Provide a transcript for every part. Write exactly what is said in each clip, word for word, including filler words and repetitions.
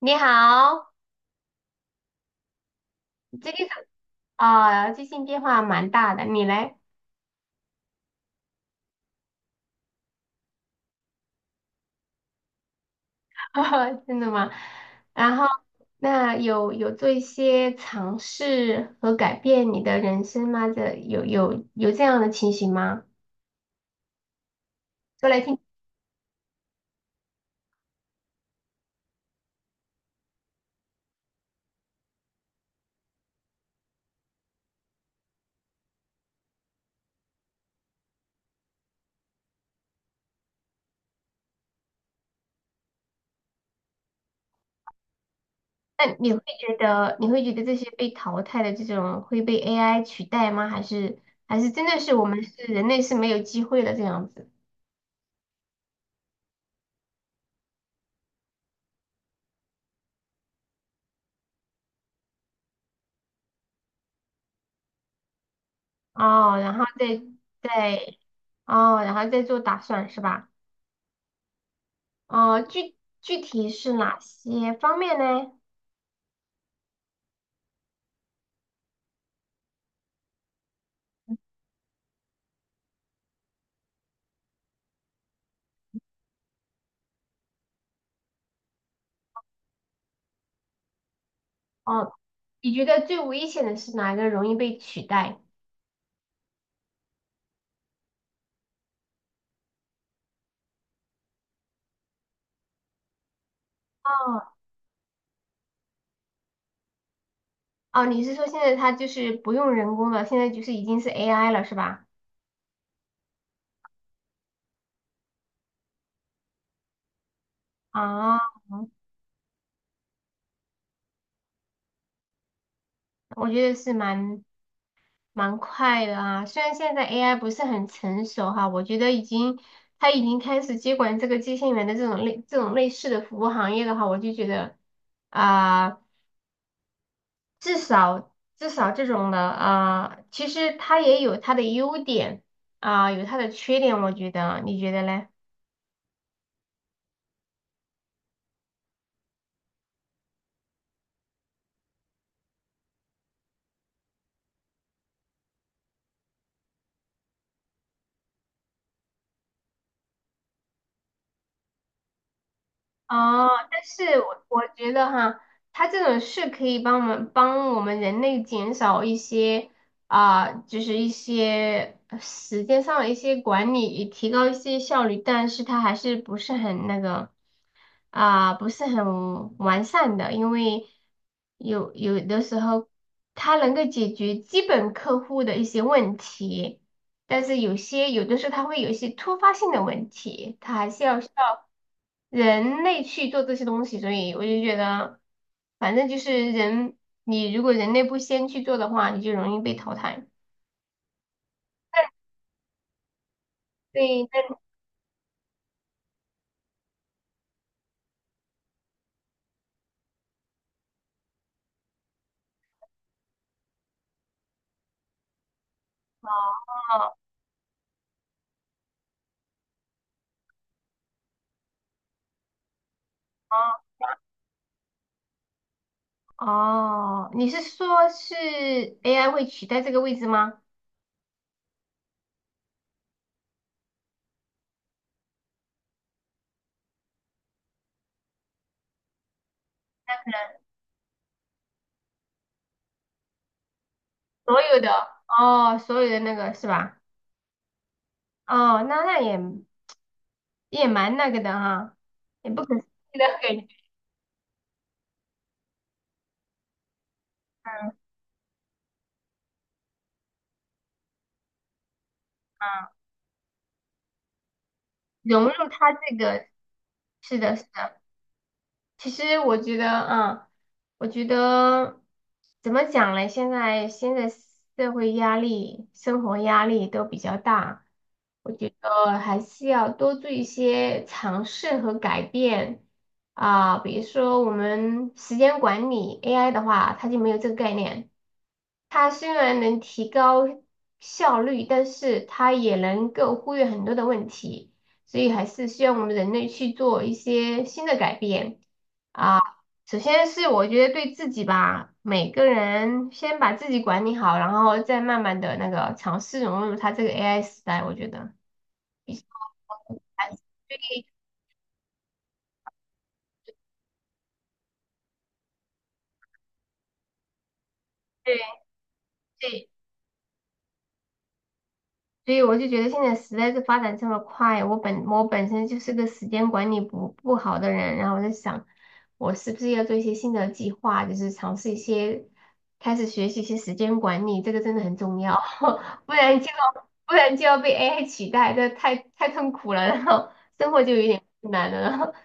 你好。这个是啊，最近变化蛮大的，你嘞？真的吗？然后，那有有做一些尝试和改变你的人生吗？这有有有这样的情形吗？说来听。那你会觉得你会觉得这些被淘汰的这种会被 A I 取代吗？还是还是真的是我们是人类是没有机会的这样子？哦，然后再再哦，然后再做打算是吧？哦，具具体是哪些方面呢？哦，你觉得最危险的是哪个容易被取代？哦，哦，你是说现在它就是不用人工了，现在就是已经是 A I 了，是吧？啊，我觉得是蛮蛮快的啊。虽然现在 A I 不是很成熟哈，我觉得已经它已经开始接管这个接线员的这种类这种类似的服务行业的话，我就觉得，啊、至少至少这种的，啊、呃其实它也有它的优点，啊、有它的缺点，我觉得，你觉得嘞？哦，但是我我觉得哈，它这种是可以帮我们帮我们人类减少一些，啊、就是一些呃时间上的一些管理，也提高一些效率，但是它还是不是很那个，啊、不是很完善的。因为有有的时候它能够解决基本客户的一些问题，但是有些有的时候它会有一些突发性的问题，它还是要需要人类去做这些东西，所以我就觉得，反正就是人，你如果人类不先去做的话，你就容易被淘汰。对。那哦，哦，哦，你是说是 A I 会取代这个位置吗？所有的哦，所有的那个是吧？哦，那那也也蛮那个的哈，也不可思议的感觉啊，融入它这个，是的，是的。其实我觉得，啊，我觉得怎么讲嘞？现在现在社会压力、生活压力都比较大，呃，还是要多做一些尝试和改变啊，比如说我们时间管理 A I 的话，它就没有这个概念。它虽然能提高效率，但是它也能够忽略很多的问题，所以还是需要我们人类去做一些新的改变啊。首先是我觉得对自己吧，每个人先把自己管理好，然后再慢慢的那个尝试融入它这个 A I 时代，我觉得比较还是对，对。所以我就觉得现在时代是发展这么快，我本我本身就是个时间管理不不好的人，然后我在想，我是不是要做一些新的计划，就是尝试一些，开始学习一些时间管理，这个真的很重要。不然就要不然就要被 A I 取代，这太太痛苦了，然后生活就有点困难了。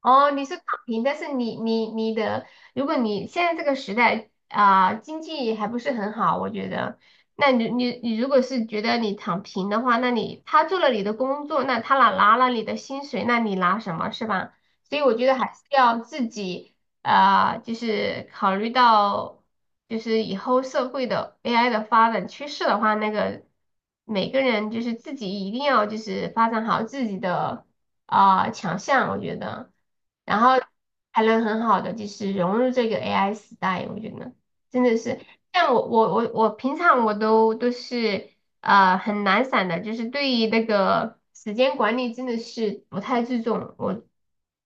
哦，你是躺平，但是你你你的，如果你现在这个时代，啊、经济还不是很好，我觉得，那你你你如果是觉得你躺平的话，那你他做了你的工作，那他拿拿了你的薪水，那你拿什么是吧？所以我觉得还是要自己，啊、就是考虑到就是以后社会的 A I 的发展趋势的话，那个每个人就是自己一定要就是发展好自己的，啊、强项，我觉得。然后还能很好的就是融入这个 A I 时代，我觉得真的是像我我我我平常我都都是呃很懒散的，就是对于那个时间管理真的是不太注重。我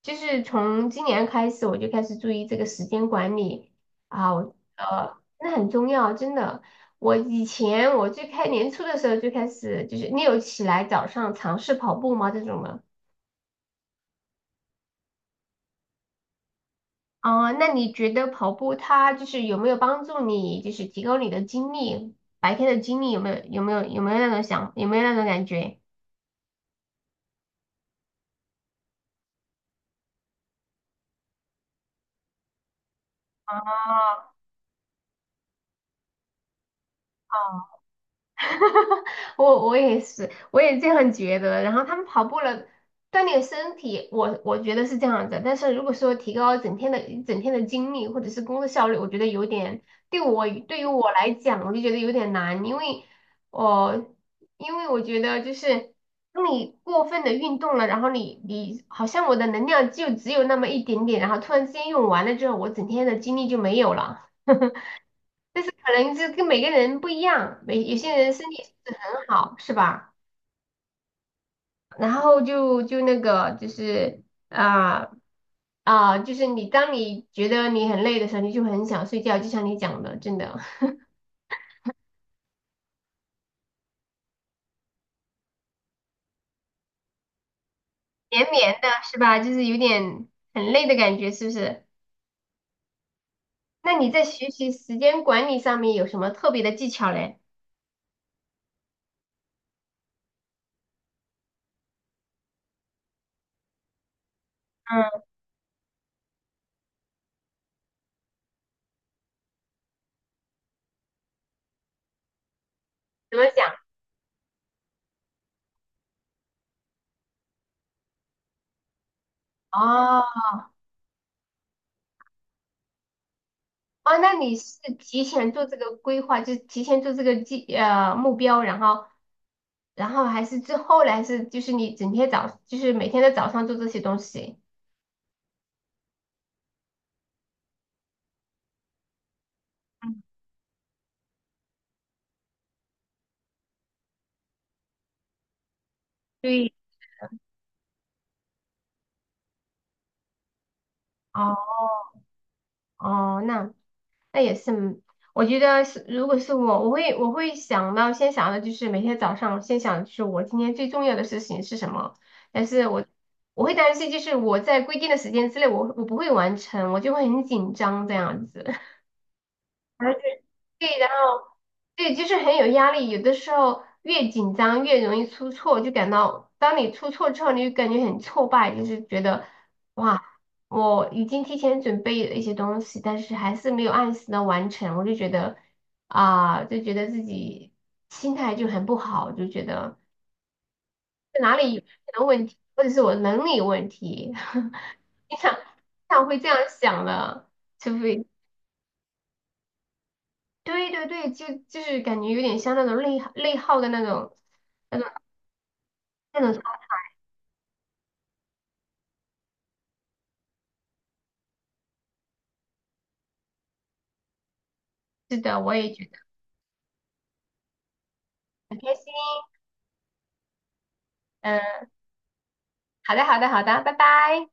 就是从今年开始我就开始注意这个时间管理啊，我呃真的很重要，真的。我以前我最开年初的时候就开始，就是你有起来早上尝试跑步吗？这种的。哦，那你觉得跑步它就是有没有帮助你，就是提高你的精力，白天的精力有没有有没有有没有那种想有没有那种感觉？哦。我我也是，我也这样觉得。然后他们跑步了，锻炼身体，我我觉得是这样子。但是如果说提高整天的一整天的精力或者是工作效率，我觉得有点，对我对于我来讲，我就觉得有点难。因为我因为我觉得就是当你过分的运动了，然后你你好像我的能量就只有那么一点点，然后突然之间用完了之后，我整天的精力就没有了。可能这跟每个人不一样，每有些人身体素质很好，是吧？然后就就那个就是，啊啊、就是你当你觉得你很累的时候，你就很想睡觉，就像你讲的，真的绵绵 的是吧？就是有点很累的感觉，是不是？那你在学习时间管理上面有什么特别的技巧嘞？嗯，怎么讲？哦，哦，那你是提前做这个规划，就是提前做这个计呃目标，然后然后还是之后来是就是你整天早就是每天的早上做这些东西。嗯，对，哦，哦，那那也是。我觉得是，如果是我，我会我会想到先想的就是每天早上先想就是我今天最重要的事情是什么，但是我我会担心就是我在规定的时间之内我我不会完成，我就会很紧张这样子。对。然后对，就是很有压力。有的时候越紧张越容易出错，就感到当你出错之后，你就感觉很挫败，就是觉得哇，我已经提前准备了一些东西，但是还是没有按时的完成，我就觉得，啊、就觉得自己心态就很不好，就觉得是哪里有出现了问题，或者是我能力有问题。经常经常会这样想的，除非。对，对，对，就就是感觉有点像那种内耗内耗的那种那种那种。是的，我也觉得很开心。嗯，好的，好的，好的，拜拜。